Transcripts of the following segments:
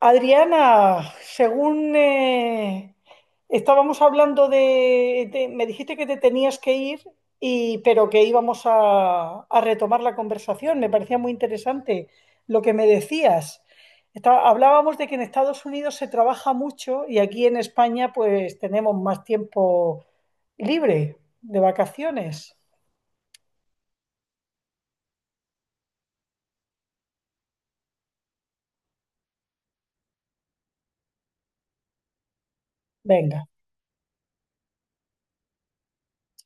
Adriana, según estábamos hablando me dijiste que te tenías que ir y pero que íbamos a retomar la conversación. Me parecía muy interesante lo que me decías. Hablábamos de que en Estados Unidos se trabaja mucho y aquí en España pues tenemos más tiempo libre de vacaciones. Venga.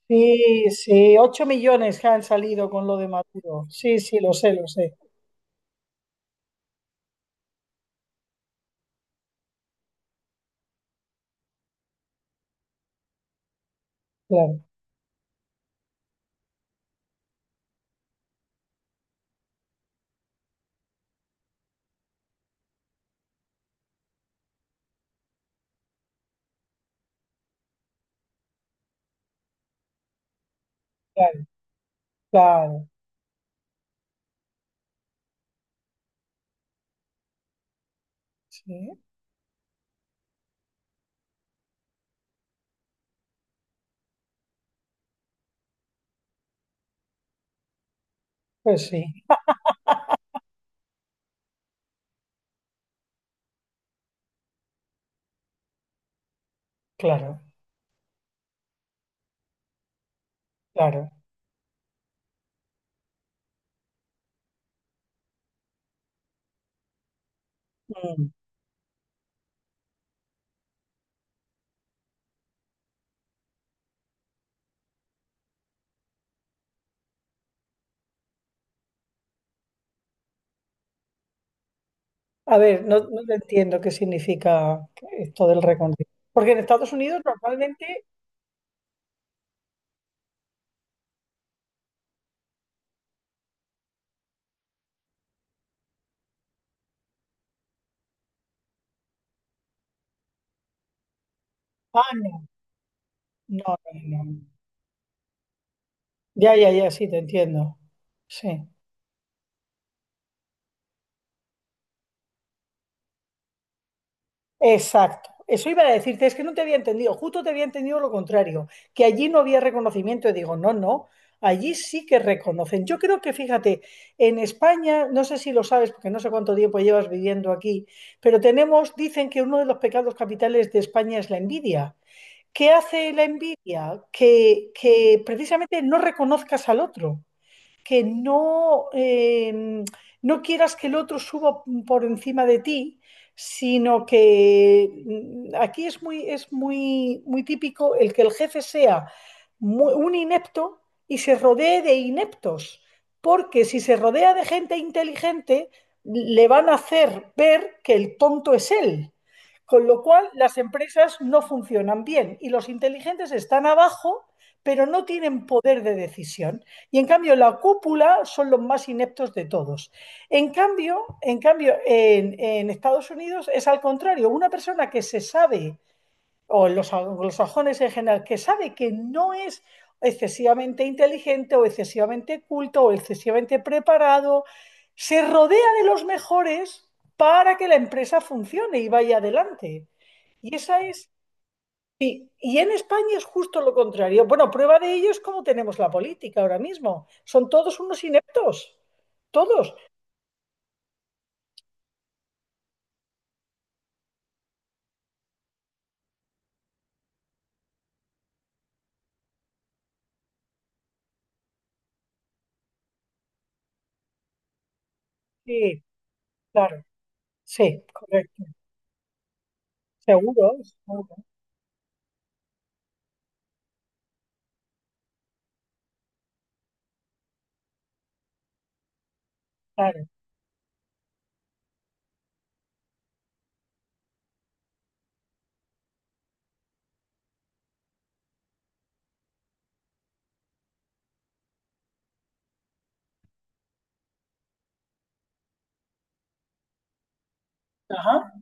Sí, sí, 8 millones que han salido con lo de Maduro. Sí, sí, lo sé, lo sé. Claro, claro, claro. Sí, pues sí, claro, claro. Mm. A ver, no, no te entiendo qué significa esto del reconocimiento. Porque en Estados Unidos normalmente... Ah, no, no, no, no. Ya, ya, ya, sí, te entiendo. Sí. Exacto. Eso iba a decirte, es que no te había entendido, justo te había entendido lo contrario, que allí no había reconocimiento. Y digo, no, no, allí sí que reconocen. Yo creo que, fíjate, en España, no sé si lo sabes, porque no sé cuánto tiempo llevas viviendo aquí, pero tenemos, dicen que uno de los pecados capitales de España es la envidia. ¿Qué hace la envidia? Que precisamente no reconozcas al otro, que no, no quieras que el otro suba por encima de ti, sino que aquí es muy típico el que el jefe sea un inepto y se rodee de ineptos, porque si se rodea de gente inteligente, le van a hacer ver que el tonto es él. Con lo cual, las empresas no funcionan bien y los inteligentes están abajo, pero no tienen poder de decisión. Y en cambio, la cúpula son los más ineptos de todos. En cambio, en Estados Unidos es al contrario, una persona que se sabe, o en los anglosajones en general, que sabe que no es excesivamente inteligente o excesivamente culto o excesivamente preparado, se rodea de los mejores para que la empresa funcione y vaya adelante. Y esa es... Sí, y en España es justo lo contrario. Bueno, prueba de ello es cómo tenemos la política ahora mismo. Son todos unos ineptos, todos. Sí, claro, sí, correcto. Seguro, seguro, claro. Ajá.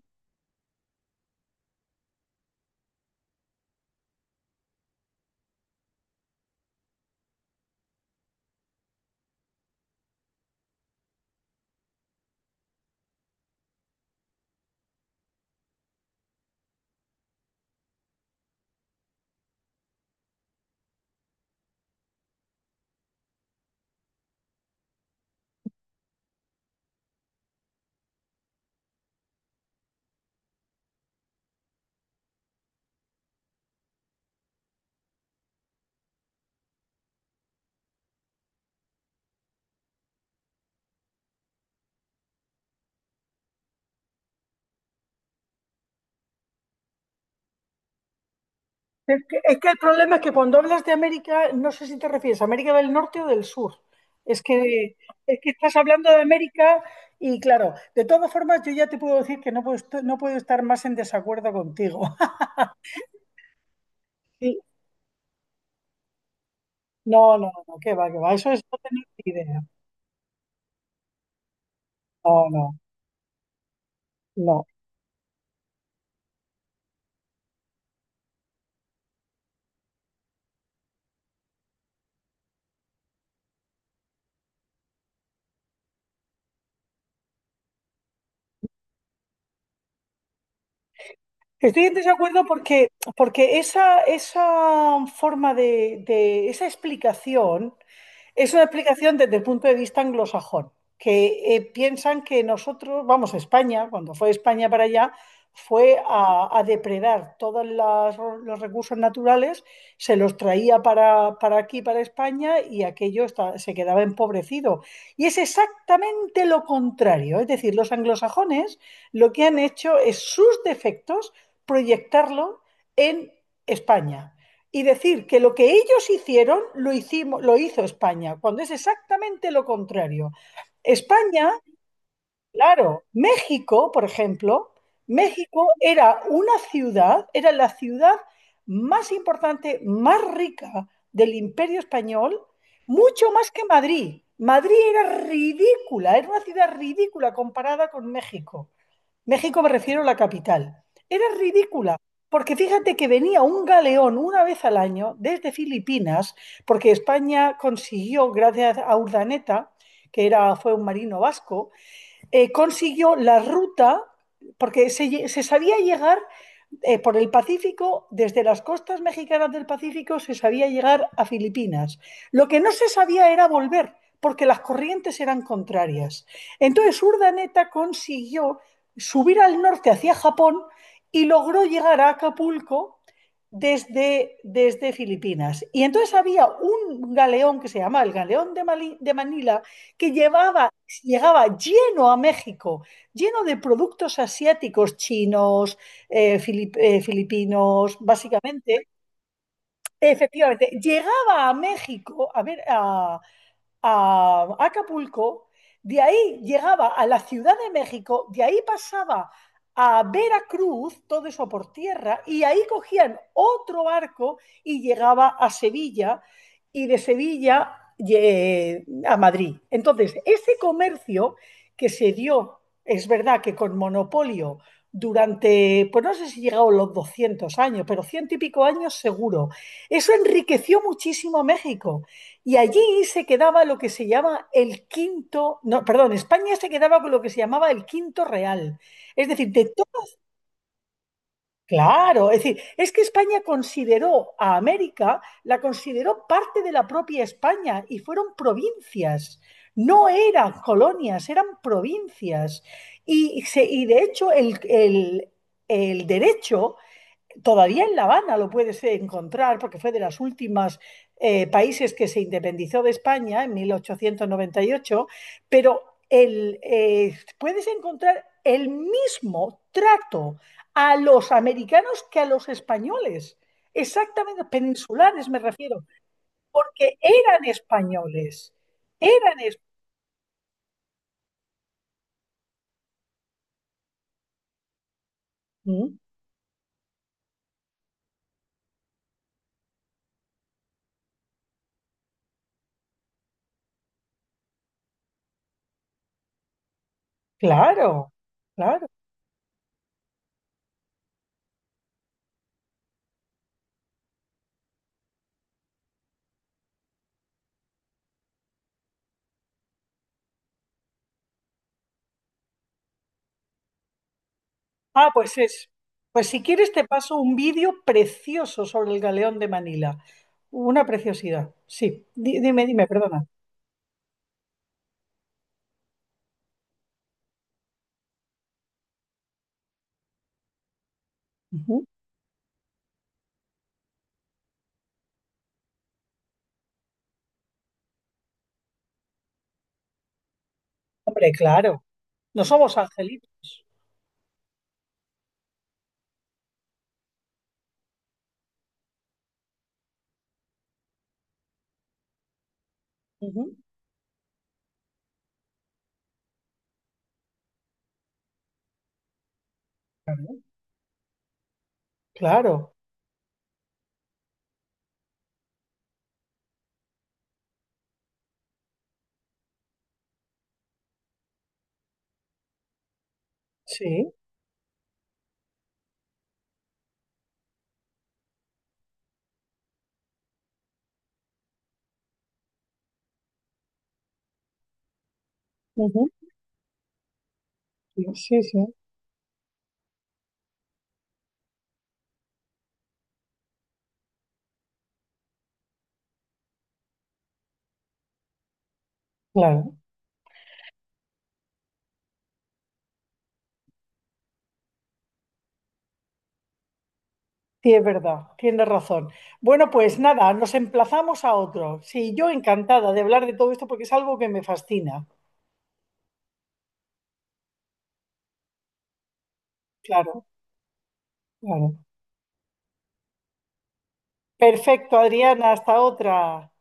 Es que el problema es que cuando hablas de América, no sé si te refieres a América del Norte o del Sur. Es que, es que estás hablando de América y claro, de todas formas yo ya te puedo decir que no puedo, no puedo estar más en desacuerdo contigo. Sí. No, no, no, qué va, qué va. Eso es no tener ni idea. No, no. No, estoy en desacuerdo porque esa forma esa explicación es una explicación desde el punto de vista anglosajón, que piensan que nosotros, vamos, España, cuando fue España para allá, fue a depredar todos los recursos naturales, se los traía para aquí, para España, y aquello se quedaba empobrecido. Y es exactamente lo contrario, es decir, los anglosajones lo que han hecho es sus defectos proyectarlo en España y decir que lo que ellos hicieron lo hizo España, cuando es exactamente lo contrario. España, claro, México, por ejemplo, México era una ciudad, era la ciudad más importante, más rica del imperio español, mucho más que Madrid. Madrid era ridícula, era una ciudad ridícula comparada con México. México me refiero a la capital. Era ridícula, porque fíjate que venía un galeón una vez al año desde Filipinas, porque España consiguió, gracias a Urdaneta, que era, fue un marino vasco, consiguió la ruta, porque se sabía llegar por el Pacífico, desde las costas mexicanas del Pacífico se sabía llegar a Filipinas. Lo que no se sabía era volver, porque las corrientes eran contrarias. Entonces Urdaneta consiguió subir al norte hacia Japón y logró llegar a Acapulco desde Filipinas. Y entonces había un galeón que se llamaba el galeón de Manila que llevaba, llegaba lleno a México, lleno de productos asiáticos, chinos, filipinos, básicamente. Efectivamente, llegaba a México, a ver, a Acapulco, de ahí llegaba a la Ciudad de México, de ahí pasaba a Veracruz, todo eso por tierra, y ahí cogían otro barco y llegaba a Sevilla y de Sevilla a Madrid. Entonces, ese comercio que se dio, es verdad que con monopolio durante, pues no sé si llegaron los 200 años, pero 100 y pico años seguro, eso enriqueció muchísimo a México y allí se quedaba lo que se llama el quinto, no, perdón, España se quedaba con lo que se llamaba el quinto real. Es decir, de todo, claro, es decir, es que España consideró a América, la consideró parte de la propia España y fueron provincias. No eran colonias, eran provincias. Y de hecho el derecho todavía en La Habana lo puedes encontrar porque fue de los últimos países que se independizó de España en 1898, pero puedes encontrar el mismo trato a los americanos que a los españoles, exactamente peninsulares me refiero, porque eran españoles, eran. Mm, claro, claro. Ah, pues es... Pues si quieres te paso un vídeo precioso sobre el galeón de Manila. Una preciosidad. Sí, dime, dime, perdona. Ujú. Hombre, claro. No somos angelitos. Ujú. Claro, claro. Sí. Ujú. Sí, sí, claro. Sí, es verdad, tienes razón. Bueno, pues nada, nos emplazamos a otro. Sí, yo encantada de hablar de todo esto porque es algo que me fascina. Claro, claro. Perfecto, Adriana, hasta otra.